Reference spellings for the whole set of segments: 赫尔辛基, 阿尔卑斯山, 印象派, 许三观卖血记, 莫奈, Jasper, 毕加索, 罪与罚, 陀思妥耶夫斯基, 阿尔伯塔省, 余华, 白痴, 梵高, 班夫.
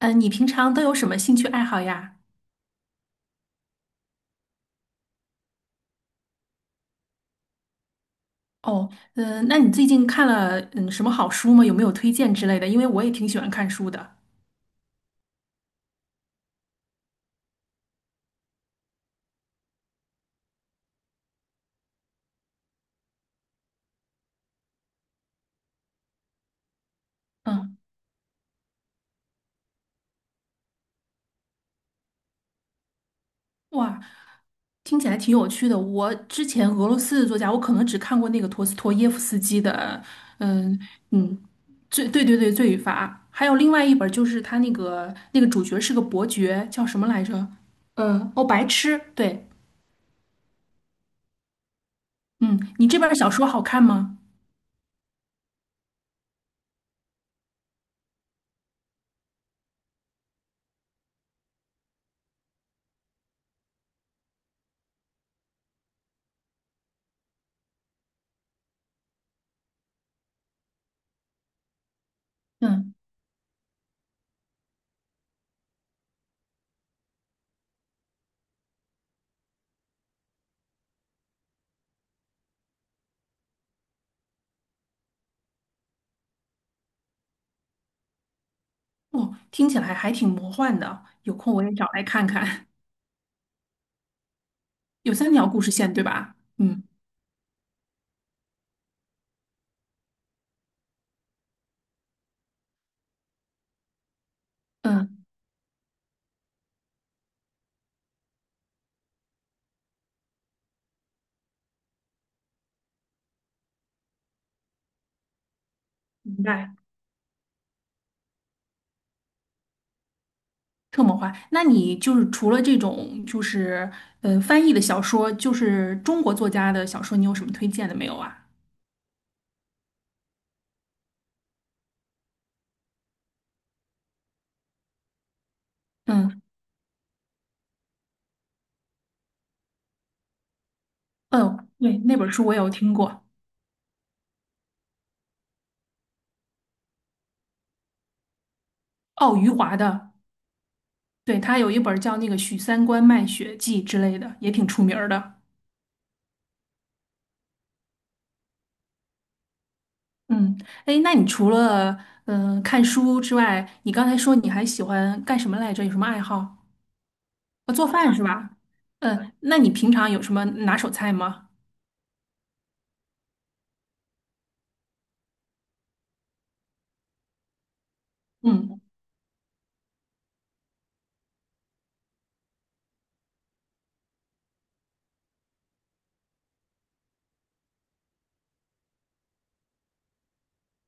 你平常都有什么兴趣爱好呀？哦，嗯，那你最近看了什么好书吗？有没有推荐之类的？因为我也挺喜欢看书的。嗯，哇，听起来挺有趣的。我之前俄罗斯的作家，我可能只看过那个陀思妥耶夫斯基的，嗯嗯，对对对，《罪与罚》，还有另外一本就是他那个主角是个伯爵，叫什么来着？哦，白痴。对，嗯，你这本小说好看吗？嗯。哦，听起来还挺魔幻的，有空我也找来看看。有三条故事线，对吧？嗯嗯，明白，特魔幻。那你就是除了这种翻译的小说，就是中国作家的小说，你有什么推荐的没有啊？嗯嗯，对，那本书我也有听过，哦，余华的，对，他有一本叫那个《许三观卖血记》之类的，也挺出名儿的。嗯，哎，那你除了看书之外，你刚才说你还喜欢干什么来着？有什么爱好？做饭是吧？嗯，那你平常有什么拿手菜吗？嗯，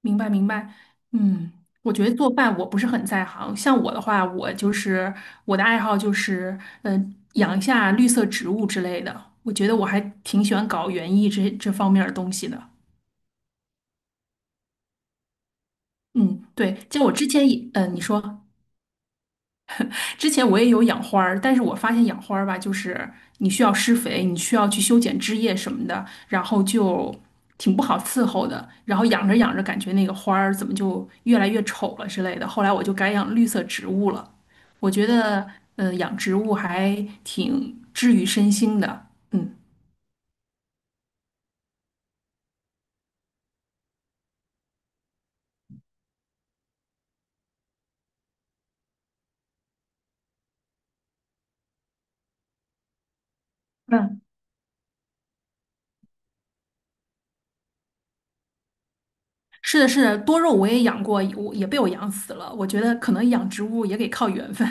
明白明白。嗯，我觉得做饭我不是很在行。像我的话，我的爱好就是，养一下绿色植物之类的。我觉得我还挺喜欢搞园艺这方面儿的东西的。嗯，对，就我之前也，你说。之前我也有养花儿，但是我发现养花儿吧，就是你需要施肥，你需要去修剪枝叶什么的，然后就挺不好伺候的。然后养着养着，感觉那个花儿怎么就越来越丑了之类的。后来我就改养绿色植物了。我觉得，养植物还挺治愈身心的。嗯，嗯，是的，是的，多肉我也养过，我也被我养死了。我觉得可能养植物也得靠缘分。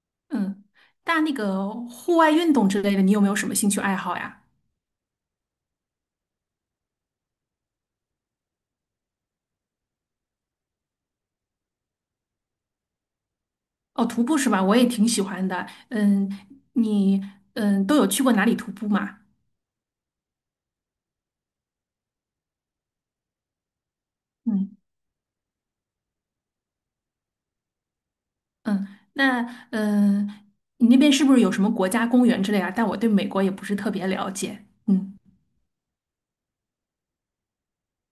嗯，但那个户外运动之类的，你有没有什么兴趣爱好呀？哦，徒步是吧？我也挺喜欢的。嗯，你嗯都有去过哪里徒步吗？嗯嗯，那嗯，你那边是不是有什么国家公园之类啊？但我对美国也不是特别了解。嗯，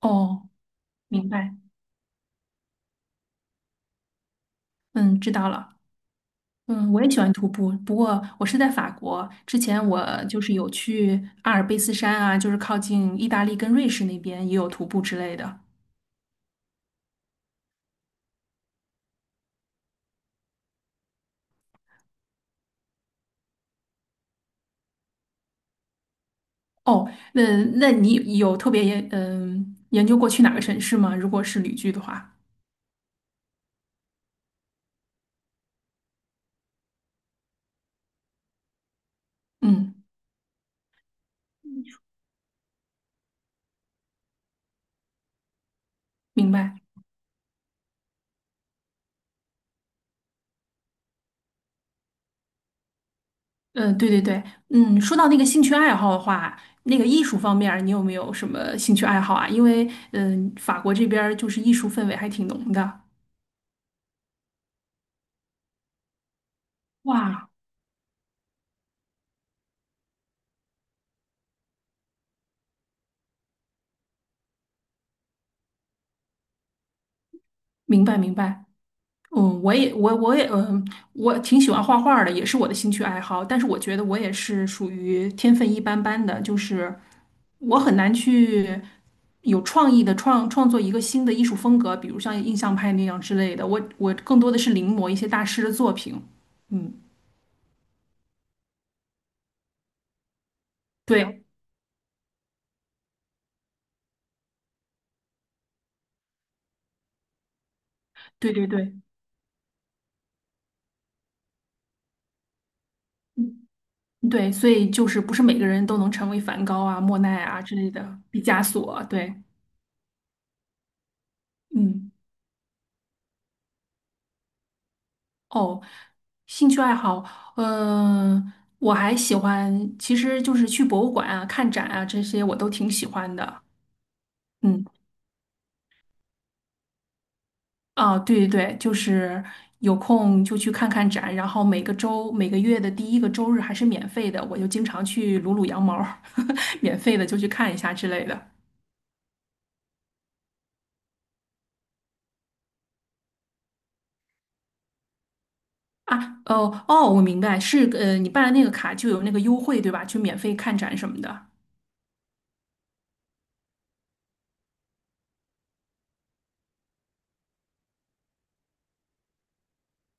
哦，明白。嗯，知道了。嗯，我也喜欢徒步，不过我是在法国。之前我就是有去阿尔卑斯山啊，就是靠近意大利跟瑞士那边也有徒步之类的。哦，那那你有特别研究过去哪个城市吗？如果是旅居的话。嗯，明白。嗯，对对对，嗯，说到那个兴趣爱好的话，那个艺术方面儿你有没有什么兴趣爱好啊？因为，法国这边儿就是艺术氛围还挺浓的。哇，明白明白。嗯，我也我我也嗯，我挺喜欢画画的，也是我的兴趣爱好。但是我觉得我也是属于天分一般般的，就是我很难去有创意的创作一个新的艺术风格，比如像印象派那样之类的。我更多的是临摹一些大师的作品。嗯，对对对对，嗯对，所以就是不是每个人都能成为梵高啊、莫奈啊之类的，毕加索啊，对，嗯。哦，兴趣爱好，嗯、我还喜欢，其实就是去博物馆啊、看展啊这些，我都挺喜欢的。嗯，啊，对对对，就是有空就去看看展，然后每个周、每个月的第一个周日还是免费的，我就经常去撸撸羊毛儿，免费的就去看一下之类的。啊，哦哦，我明白，你办了那个卡就有那个优惠，对吧？就免费看展什么的。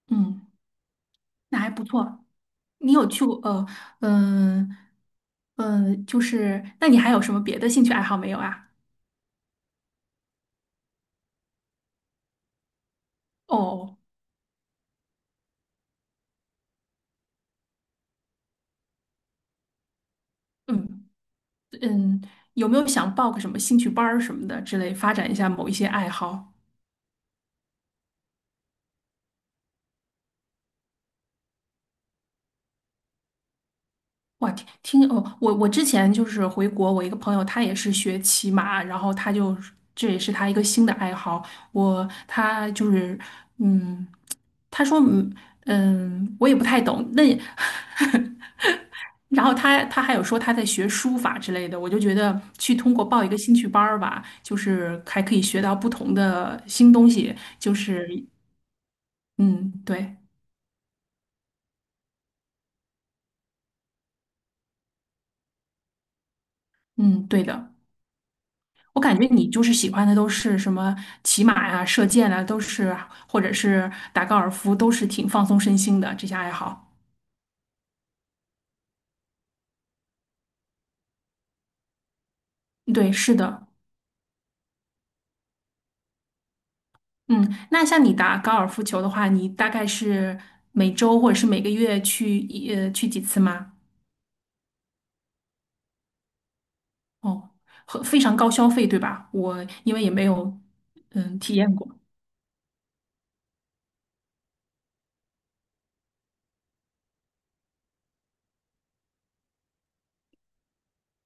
嗯，那还不错。你有去过嗯嗯，就是那你还有什么别的兴趣爱好没有啊？哦，嗯嗯，有没有想报个什么兴趣班儿什么的之类，发展一下某一些爱好？哇，听听哦，我之前就是回国，我一个朋友他也是学骑马，然后他就这也是他一个新的爱好。我他就是嗯，他说嗯嗯，我也不太懂，那也 然后他还有说他在学书法之类的，我就觉得去通过报一个兴趣班儿吧，就是还可以学到不同的新东西，就是嗯，对，嗯，对的。我感觉你就是喜欢的都是什么骑马呀、射箭啊，都是或者是打高尔夫，都是挺放松身心的这些爱好。对，是的，嗯，那像你打高尔夫球的话，你大概是每周或者是每个月去几次吗？哦，很非常高消费，对吧？我因为也没有体验过。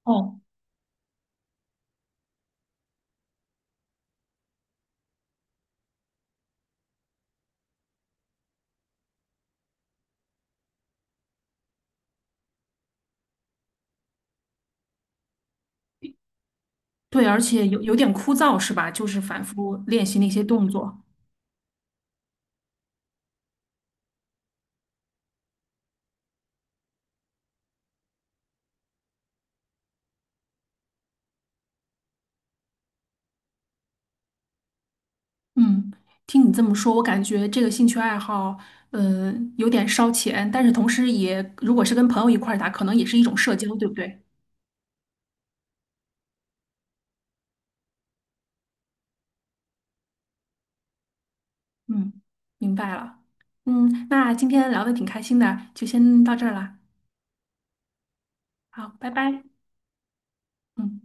哦，对，而且有点枯燥，是吧？就是反复练习那些动作。嗯，听你这么说，我感觉这个兴趣爱好，有点烧钱，但是同时也，如果是跟朋友一块儿打，可能也是一种社交，对不对？嗯，明白了。嗯，那今天聊的挺开心的，就先到这儿啦。好，拜拜。嗯。